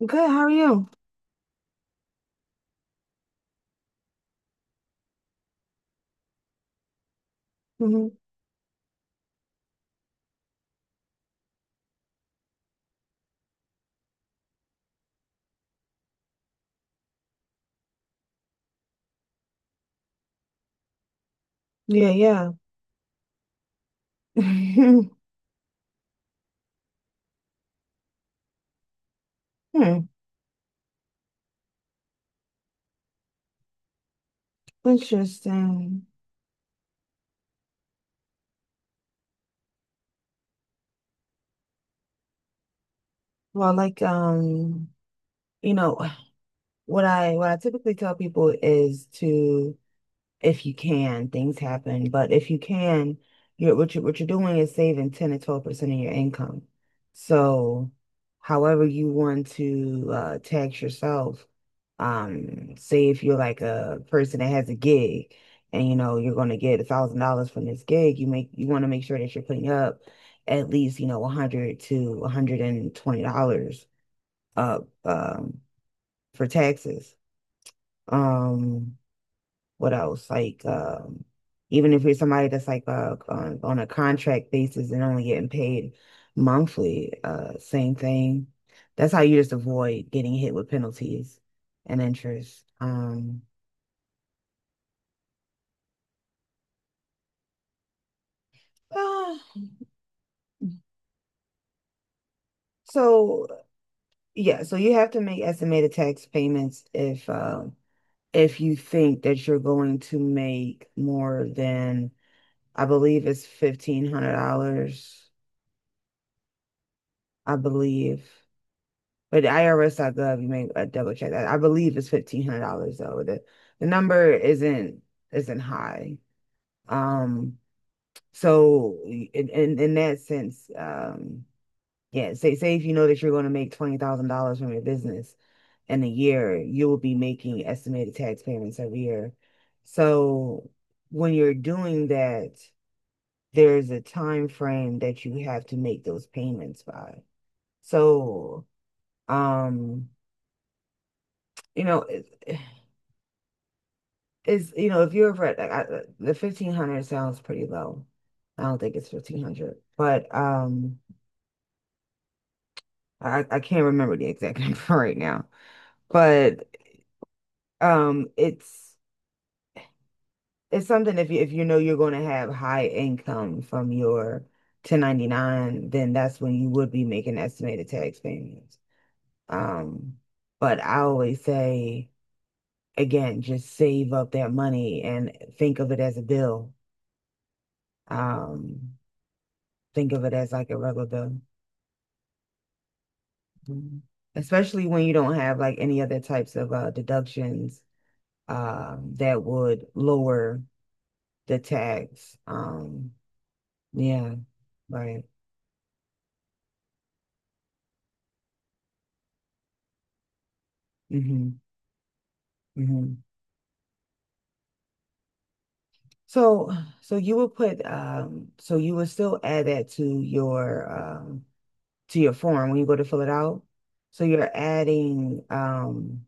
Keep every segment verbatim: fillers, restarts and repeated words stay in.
Good, how are you? Hmm. Yeah, yeah. Hmm. Interesting. Well, like um, you know, what I what I typically tell people is to if you can, things happen. But if you can, you're what you what you're doing is saving ten to twelve percent of your income. So however you want to uh, tax yourself, um, say if you're like a person that has a gig and you know you're gonna get a thousand dollars from this gig, you make you want to make sure that you're putting up at least, you know, a hundred to a hundred twenty dollars up um, for taxes. Um, what else? Like, um, even if you're somebody that's like uh, on, on a contract basis and only getting paid monthly, uh, same thing. That's how you just avoid getting hit with penalties and interest. Um, ah, so yeah, so you have to make estimated tax payments if um if you think that you're going to make more than I believe it's fifteen hundred dollars, I believe. But the I R S dot gov, you may uh, double check that. I believe it's fifteen hundred dollars though. The the number isn't isn't high. Um, so in in, in that sense, um, yeah, say say if you know that you're going to make twenty thousand dollars from your business in a year, you will be making estimated tax payments every year. So when you're doing that, there's a time frame that you have to make those payments by. So, um, you know. it- is, you know if you're over at like I, the fifteen hundred sounds pretty low. I don't think it's fifteen hundred, but um I, I can't remember the exact number right now. But um it's it's something. If you if you know you're going to have high income from your ten ninety-nine, then that's when you would be making estimated tax payments. um but I always say, again, just save up that money and think of it as a bill. um think of it as like a regular bill. Mhm. Especially when you don't have like any other types of uh, deductions um, that would lower the tax. Um, yeah, right. Hmm. Hmm. So, so you would put, um, so you would still add that to your um, to your form when you go to fill it out. So you're adding um,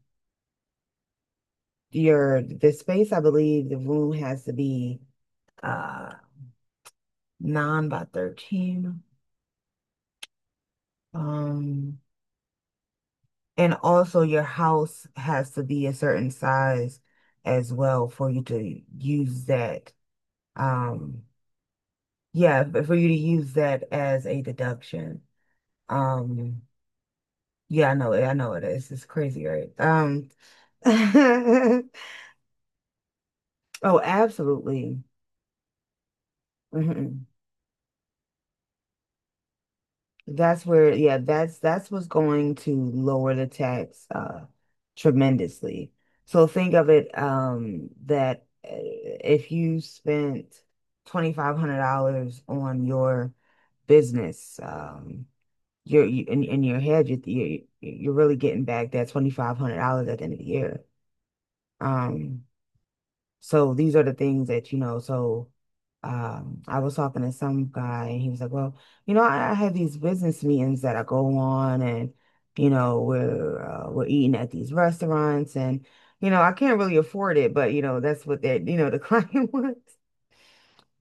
your the space. I believe the room has to be uh, nine by thirteen. Um, And also your house has to be a certain size as well for you to use that. Um, yeah, but for you to use that as a deduction. Um, yeah, I know it. I know it is. It's crazy, right? Um, oh, absolutely. Mhm. That's where, yeah, that's that's what's going to lower the tax uh tremendously. So think of it, um that, uh, if you spent two thousand five hundred dollars on your business, um you're you, in, in your head, you're, you're you're really getting back that two thousand five hundred dollars at the end of the year. Um so these are the things that, you know, so um I was talking to some guy and he was like, well, you know, I, I have these business meetings that I go on, and you know, we're uh, we're eating at these restaurants, and you know, I can't really afford it, but you know, that's what that you know, the client wants.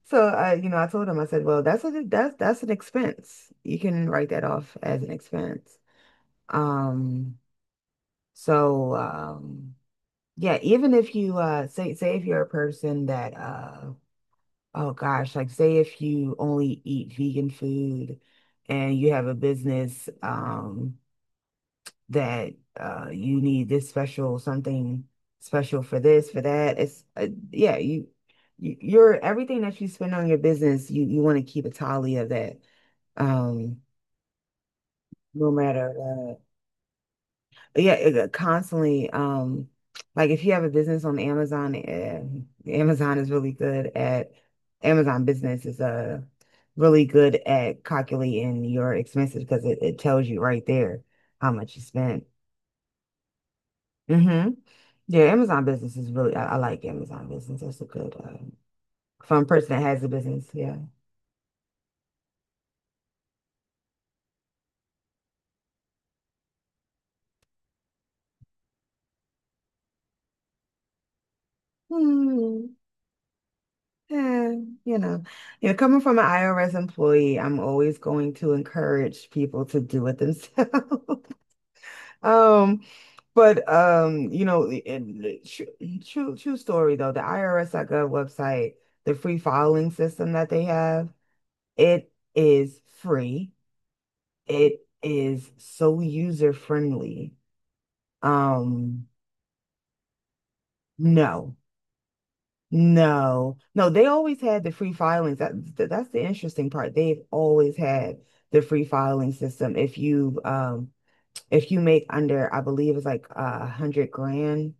So I, you know, I told him, I said, well, that's a that's that's an expense. You can write that off as an expense. Um, so um yeah, even if you uh say say if you're a person that uh oh gosh, like say if you only eat vegan food and you have a business um that uh you need this special something, special for this, for that. It's, uh, yeah, you you your everything that you spend on your business, you you want to keep a tally of that, um no matter. Yeah, it, uh, constantly. Um, like if you have a business on Amazon, uh, Amazon is really good at Amazon Business is uh really good at calculating your expenses because it, it tells you right there how much you spent. Hmm. Yeah, Amazon Business is really — I, I like Amazon Business. That's a good uh, fun person that has a business. Yeah. Hmm. Yeah, you know, you know, coming from an I R S employee, I'm always going to encourage people to do it themselves. Um, but um, you know, and the true, true true story though, the I R S dot gov website, the free filing system that they have, it is free. It is so user friendly. Um, no. No. No, they always had the free filings. That th- that's the interesting part. They've always had the free filing system. If you um if you make under, I believe it's like a hundred grand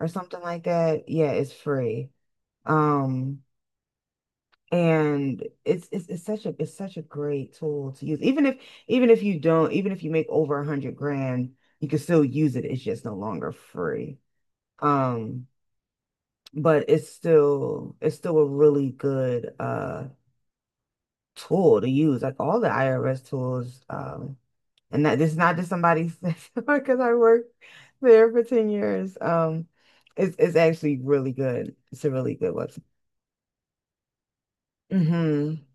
or something like that. Yeah, it's free. Um, and it's it's it's such a it's such a great tool to use. Even if even if you don't, even if you make over a hundred grand, you can still use it. It's just no longer free. Um, but it's still it's still a really good uh tool to use. Like all the I R S tools, um, and that this is not just somebody because I worked there for ten years. Um, it's it's actually really good. It's a really good website. Hmm.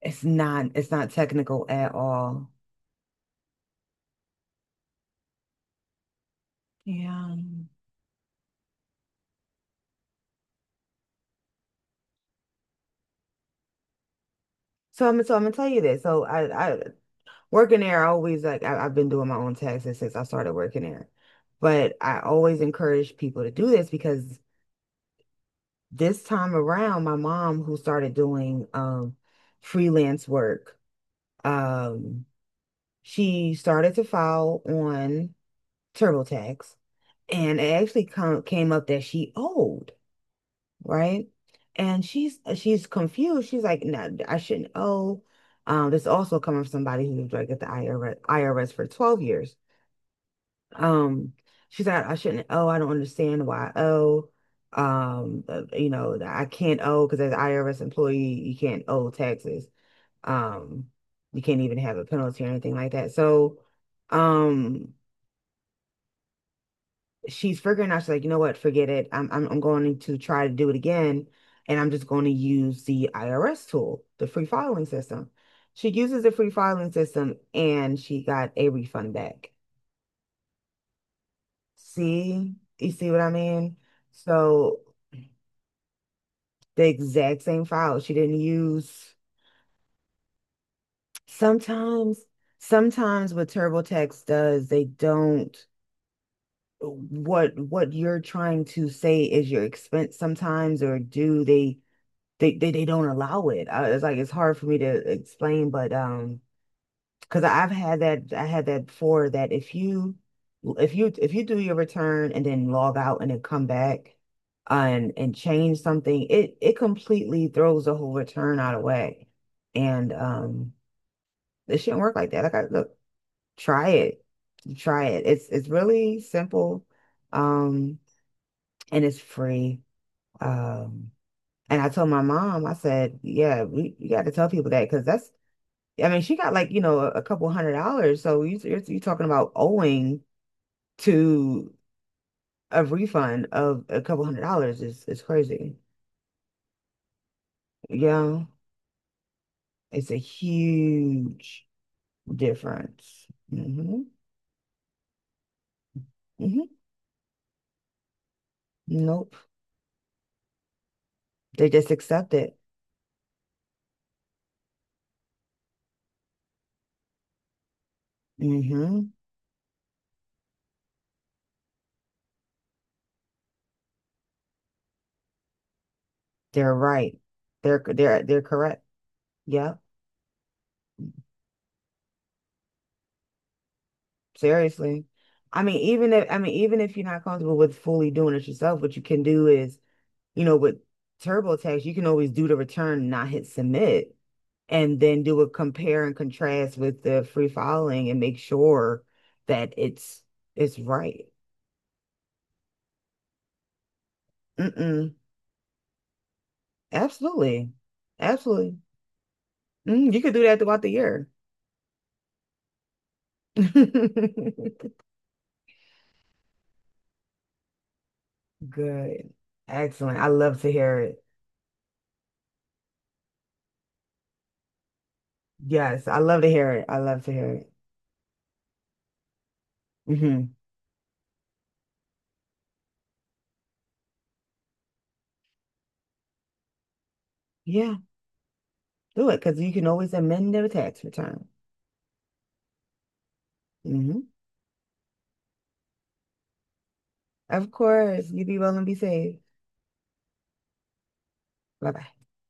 It's not it's not technical at all. Yeah. So I'm so I'm gonna tell you this. So I I working there, I always like I, I've been doing my own taxes since I started working there. But I always encourage people to do this because this time around, my mom, who started doing um freelance work, um, she started to file on TurboTax, and it actually come, came up that she owed. Right? And she's she's confused. She's like, no, I shouldn't owe. Um, this also coming from somebody who was like at the I R S, I R S for twelve years. Um, she's like, I shouldn't owe. I don't understand why I owe. Um, uh, you know, I can't owe because as an I R S employee, you can't owe taxes. Um, you can't even have a penalty or anything like that. So, um, she's figuring out. She's like, you know what, forget it. I'm, I'm I'm going to try to do it again, and I'm just going to use the I R S tool, the free filing system. She uses the free filing system and she got a refund back. See you see what I mean so the exact same file. She didn't use — sometimes sometimes what TurboTax does, they don't — what what you're trying to say is your expense sometimes, or do they they they, they don't allow it. I, it's like it's hard for me to explain, but um, because I've had that I had that before, that if you if you if you do your return and then log out and then come back, uh, and and change something, it it completely throws the whole return out of whack. And um, it shouldn't work like that. Like, I look, try it, try it. It's it's really simple, um, and it's free. Um, And I told my mom, I said, yeah, we, you got to tell people that, because that's, I mean, she got like, you know, a, a couple hundred dollars. So you, you're, you're talking about owing to a refund of a couple hundred dollars, is, is crazy. Yeah, it's a huge difference. Hmm. Hmm. Nope. They just accept it. Hmm. They're right. They're, they're, they're correct. Yeah, seriously. I mean, even if, I mean, even if you're not comfortable with fully doing it yourself, what you can do is, you know, with TurboTax, you can always do the return, not hit submit, and then do a compare and contrast with the free filing and make sure that it's it's right. Mm-mm. Absolutely. Absolutely. Mm, you could do that throughout the year. Good. Excellent. I love to hear it. Yes, I love to hear it. I love to hear it. Hmm. Yeah, do it, because you can always amend their tax return. Hmm. Of course. You be well and be safe. Bye bye.